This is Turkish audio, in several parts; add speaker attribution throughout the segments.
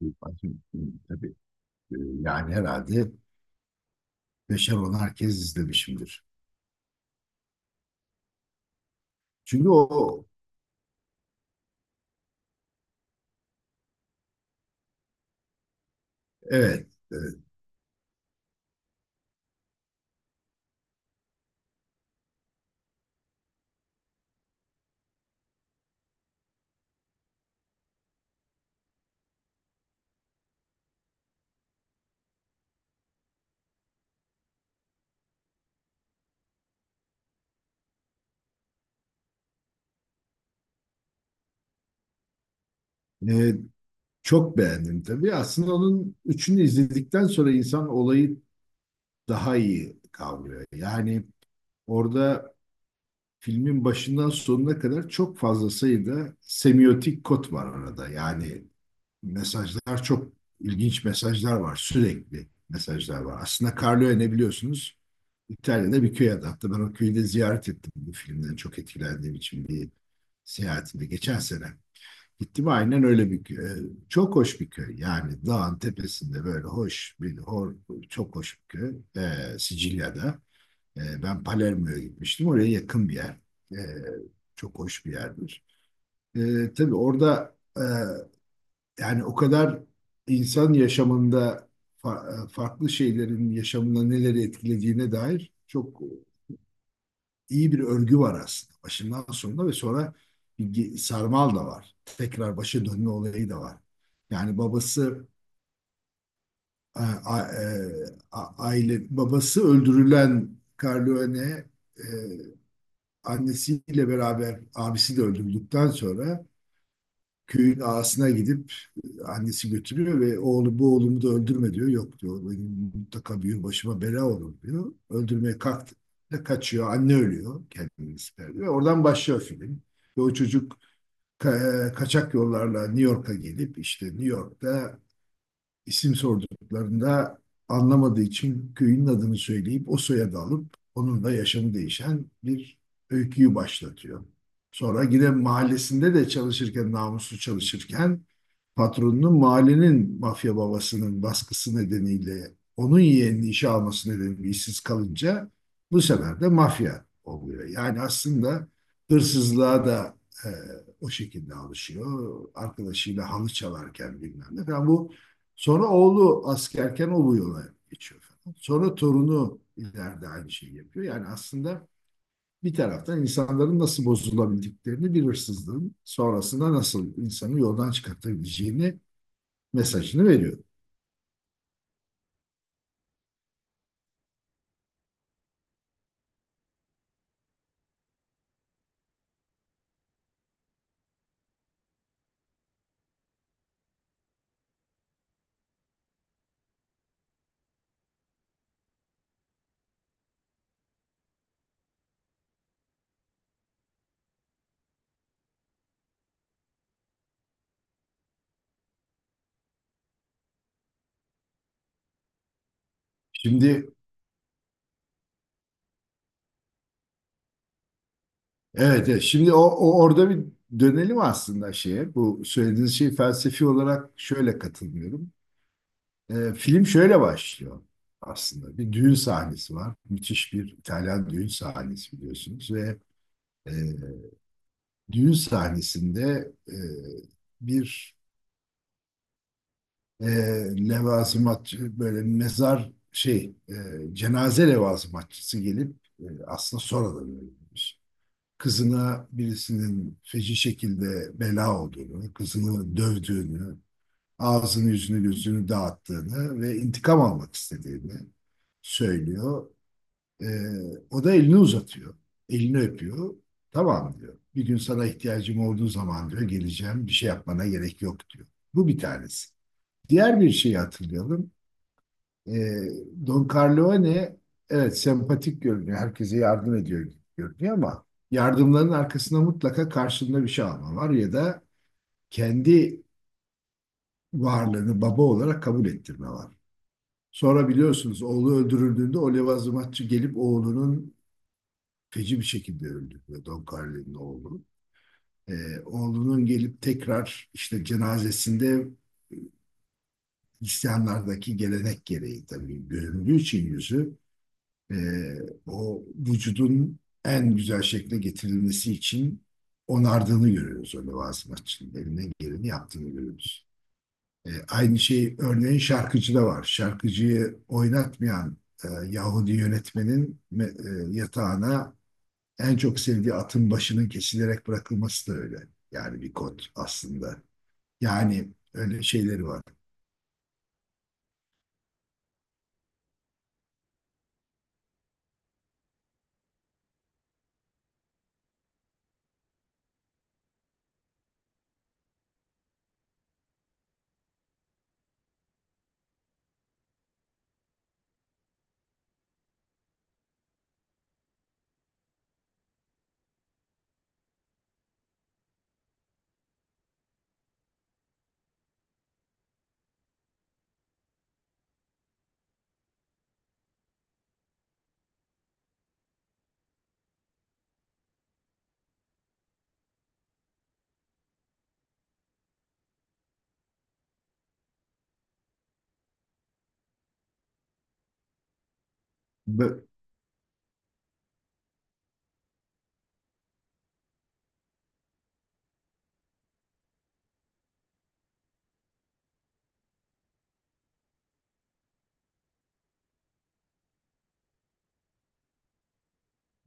Speaker 1: Bakın, tabii yani herhalde beşer onar kez izlemişimdir. Çünkü o evet, evet. E, Çok beğendim tabii. Aslında onun üçünü izledikten sonra insan olayı daha iyi kavrıyor. Yani orada filmin başından sonuna kadar çok fazla sayıda semiotik kod var arada. Yani mesajlar çok ilginç mesajlar var. Sürekli mesajlar var. Aslında Carlo ne biliyorsunuz? İtalya'da bir köy adı. Hatta ben o köyü de ziyaret ettim bu filmden çok etkilendiğim için bir seyahatimde geçen sene. Gittim aynen öyle bir köy. Çok hoş bir köy. Yani dağın tepesinde böyle hoş çok hoş bir köy. Sicilya'da. Ben Palermo'ya gitmiştim. Oraya yakın bir yer. Ee, Çok hoş bir yerdir. Tabii orada yani o kadar insan yaşamında farklı şeylerin yaşamına neleri etkilediğine dair çok iyi bir örgü var aslında. Başından sonuna ve sonra bir sarmal da var. Tekrar başa dönme olayı da var. Yani babası a- a- e, aile babası öldürülen Corleone e, annesiyle beraber abisi de öldürüldükten sonra köyün ağasına gidip annesi götürüyor ve oğlu bu oğlumu da öldürme diyor. Yok diyor benim mutlaka bir gün başıma bela olur diyor. Öldürmeye kalktı da kaçıyor. Anne ölüyor. Kendini siper ve oradan başlıyor film. Ve o çocuk kaçak yollarla New York'a gelip işte New York'ta İsim sorduklarında anlamadığı için köyün adını söyleyip o soyadı alıp onun da yaşamı değişen bir öyküyü başlatıyor. Sonra yine mahallesinde de çalışırken, namuslu çalışırken patronunun mahallenin mafya babasının baskısı nedeniyle onun yeğenini işe alması nedeniyle işsiz kalınca bu sefer de mafya oluyor. Yani aslında hırsızlığa da e, o şekilde alışıyor. Arkadaşıyla halı çalarken bilmem ne falan. Bu sonra oğlu askerken o bu yola geçiyor falan. Sonra torunu ileride aynı şeyi yapıyor. Yani aslında bir taraftan insanların nasıl bozulabildiklerini bir hırsızlığın sonrasında nasıl insanı yoldan çıkartabileceğini mesajını veriyor. Şimdi evet, evet, şimdi o, o orada bir dönelim aslında şeye. Bu söylediğiniz şey felsefi olarak şöyle katılmıyorum. Film şöyle başlıyor aslında. Bir düğün sahnesi var. Müthiş bir İtalyan düğün sahnesi biliyorsunuz ve e, düğün sahnesinde bir e, levazımatçı böyle cenaze levazımatçısı gelip aslında sonradan öğrenmiş. Kızına birisinin feci şekilde bela olduğunu, kızını dövdüğünü, ağzını yüzünü gözünü dağıttığını ve intikam almak istediğini söylüyor. Ee, O da elini uzatıyor. Elini öpüyor. Tamam diyor. Bir gün sana ihtiyacım olduğu zaman diyor geleceğim. Bir şey yapmana gerek yok diyor. Bu bir tanesi. Diğer bir şeyi hatırlayalım. Ee, Don Corleone evet sempatik görünüyor. Herkese yardım ediyor gibi görünüyor ama yardımların arkasında mutlaka karşılığında bir şey alma var ya da kendi varlığını baba olarak kabul ettirme var. Sonra biliyorsunuz oğlu öldürüldüğünde o levazımatçı gelip oğlunun feci bir şekilde öldürüyor Don Carlo'nun oğlu. Oğlunun gelip tekrar işte cenazesinde Hristiyanlardaki gelenek gereği tabii göründüğü için yüzü e, o vücudun en güzel şekle getirilmesi için onardığını görüyoruz, o levazımatçının elinden geleni yaptığını görüyoruz. E, aynı şey örneğin şarkıcıda var. Şarkıcıyı oynatmayan Yahudi yönetmenin yatağına en çok sevdiği atın başının kesilerek bırakılması da öyle. Yani bir kod aslında. Yani öyle şeyleri var. Be-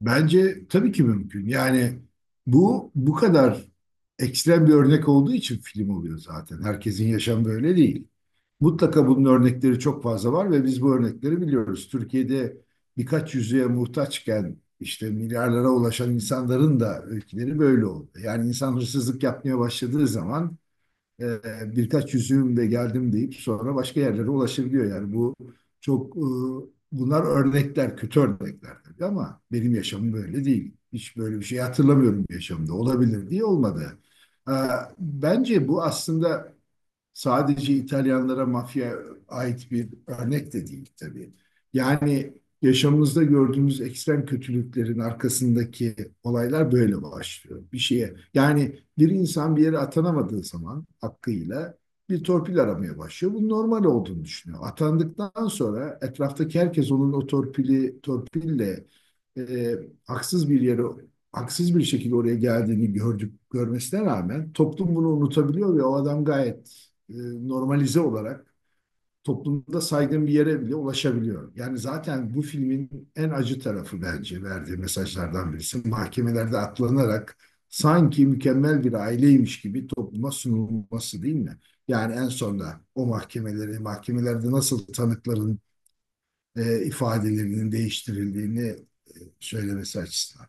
Speaker 1: Bence tabii ki mümkün. Yani bu kadar ekstrem bir örnek olduğu için film oluyor zaten. Herkesin yaşamı böyle değil. Mutlaka bunun örnekleri çok fazla var ve biz bu örnekleri biliyoruz. Türkiye'de birkaç yüzüğe muhtaçken işte milyarlara ulaşan insanların da öyküleri böyle oldu. Yani insan hırsızlık yapmaya başladığı zaman e, birkaç yüzüğümle geldim deyip sonra başka yerlere ulaşabiliyor. Yani bu çok e, bunlar örnekler, kötü örnekler tabii ama benim yaşamım böyle değil. Hiç böyle bir şey hatırlamıyorum yaşamda. Olabilir diye olmadı. E, Bence bu aslında sadece İtalyanlara mafya ait bir örnek de değil tabii. Yani yaşamımızda gördüğümüz ekstrem kötülüklerin arkasındaki olaylar böyle başlıyor. Bir şeye yani bir insan bir yere atanamadığı zaman hakkıyla bir torpil aramaya başlıyor. Bunun normal olduğunu düşünüyor. Atandıktan sonra etraftaki herkes onun o torpili torpille e, haksız bir yere haksız bir şekilde oraya geldiğini gördük görmesine rağmen toplum bunu unutabiliyor ve o adam gayet normalize olarak toplumda saygın bir yere bile ulaşabiliyor. Yani zaten bu filmin en acı tarafı bence verdiği mesajlardan birisi. Mahkemelerde atlanarak sanki mükemmel bir aileymiş gibi topluma sunulması değil mi? Yani en sonda o mahkemeleri, mahkemelerde nasıl tanıkların ifadelerinin değiştirildiğini e, söylemesi açısından.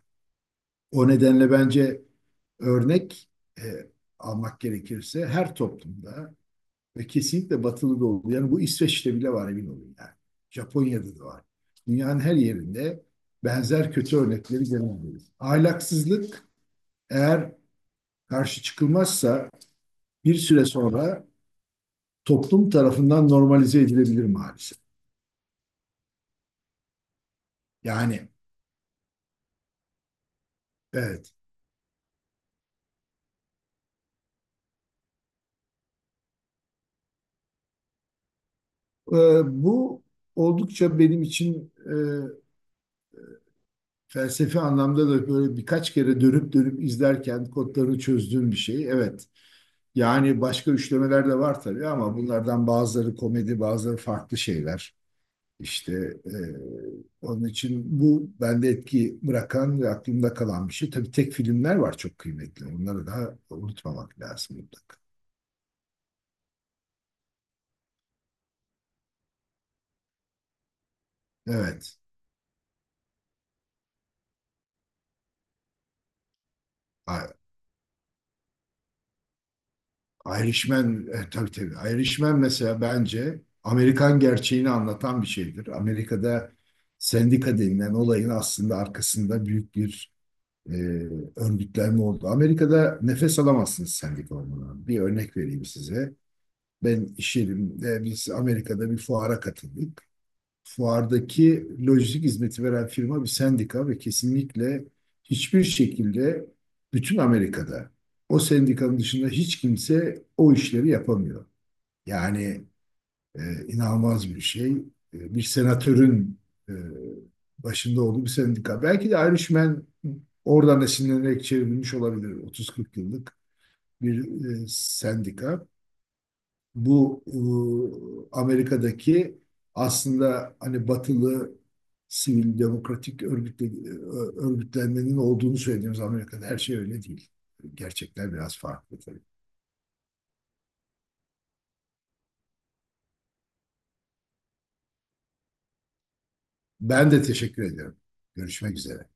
Speaker 1: O nedenle bence örnek e, almak gerekirse her toplumda ve kesinlikle batılı da oldu. Yani bu İsveç'te bile var emin olun yani. Japonya'da da var. Dünyanın her yerinde benzer kötü örnekleri görebiliriz. Ahlaksızlık eğer karşı çıkılmazsa bir süre sonra toplum tarafından normalize edilebilir maalesef. Yani evet. Ee, Bu oldukça benim için felsefi anlamda da böyle birkaç kere dönüp dönüp izlerken kodlarını çözdüğüm bir şey. Evet. Yani başka üçlemeler de var tabii ama bunlardan bazıları komedi, bazıları farklı şeyler. İşte e, onun için bu bende etki bırakan ve aklımda kalan bir şey. Tabii tek filmler var çok kıymetli. Onları da unutmamak lazım mutlaka. Evet. I- Irishman, tabii tabii. Irishman mesela bence Amerikan gerçeğini anlatan bir şeydir. Amerika'da sendika denilen olayın aslında arkasında büyük bir e, örgütlenme oldu. Amerika'da nefes alamazsınız sendik olmadan. Bir örnek vereyim size. Ben iş yerimde biz Amerika'da bir fuara katıldık. Fuardaki lojistik hizmeti veren firma bir sendika ve kesinlikle hiçbir şekilde bütün Amerika'da o sendikanın dışında hiç kimse o işleri yapamıyor. Yani inanılmaz bir şey. E, bir senatörün e, başında olduğu bir sendika. Belki de Ayrışmen oradan esinlenerek çevrilmiş olabilir. 30-40 yıllık bir sendika. Bu Amerika'daki aslında hani batılı sivil demokratik örgütle, e, örgütlenmenin olduğunu söylediğimiz Amerika'da her şey öyle değil. Gerçekler biraz farklı tabii. Ben de teşekkür ederim. Görüşmek üzere.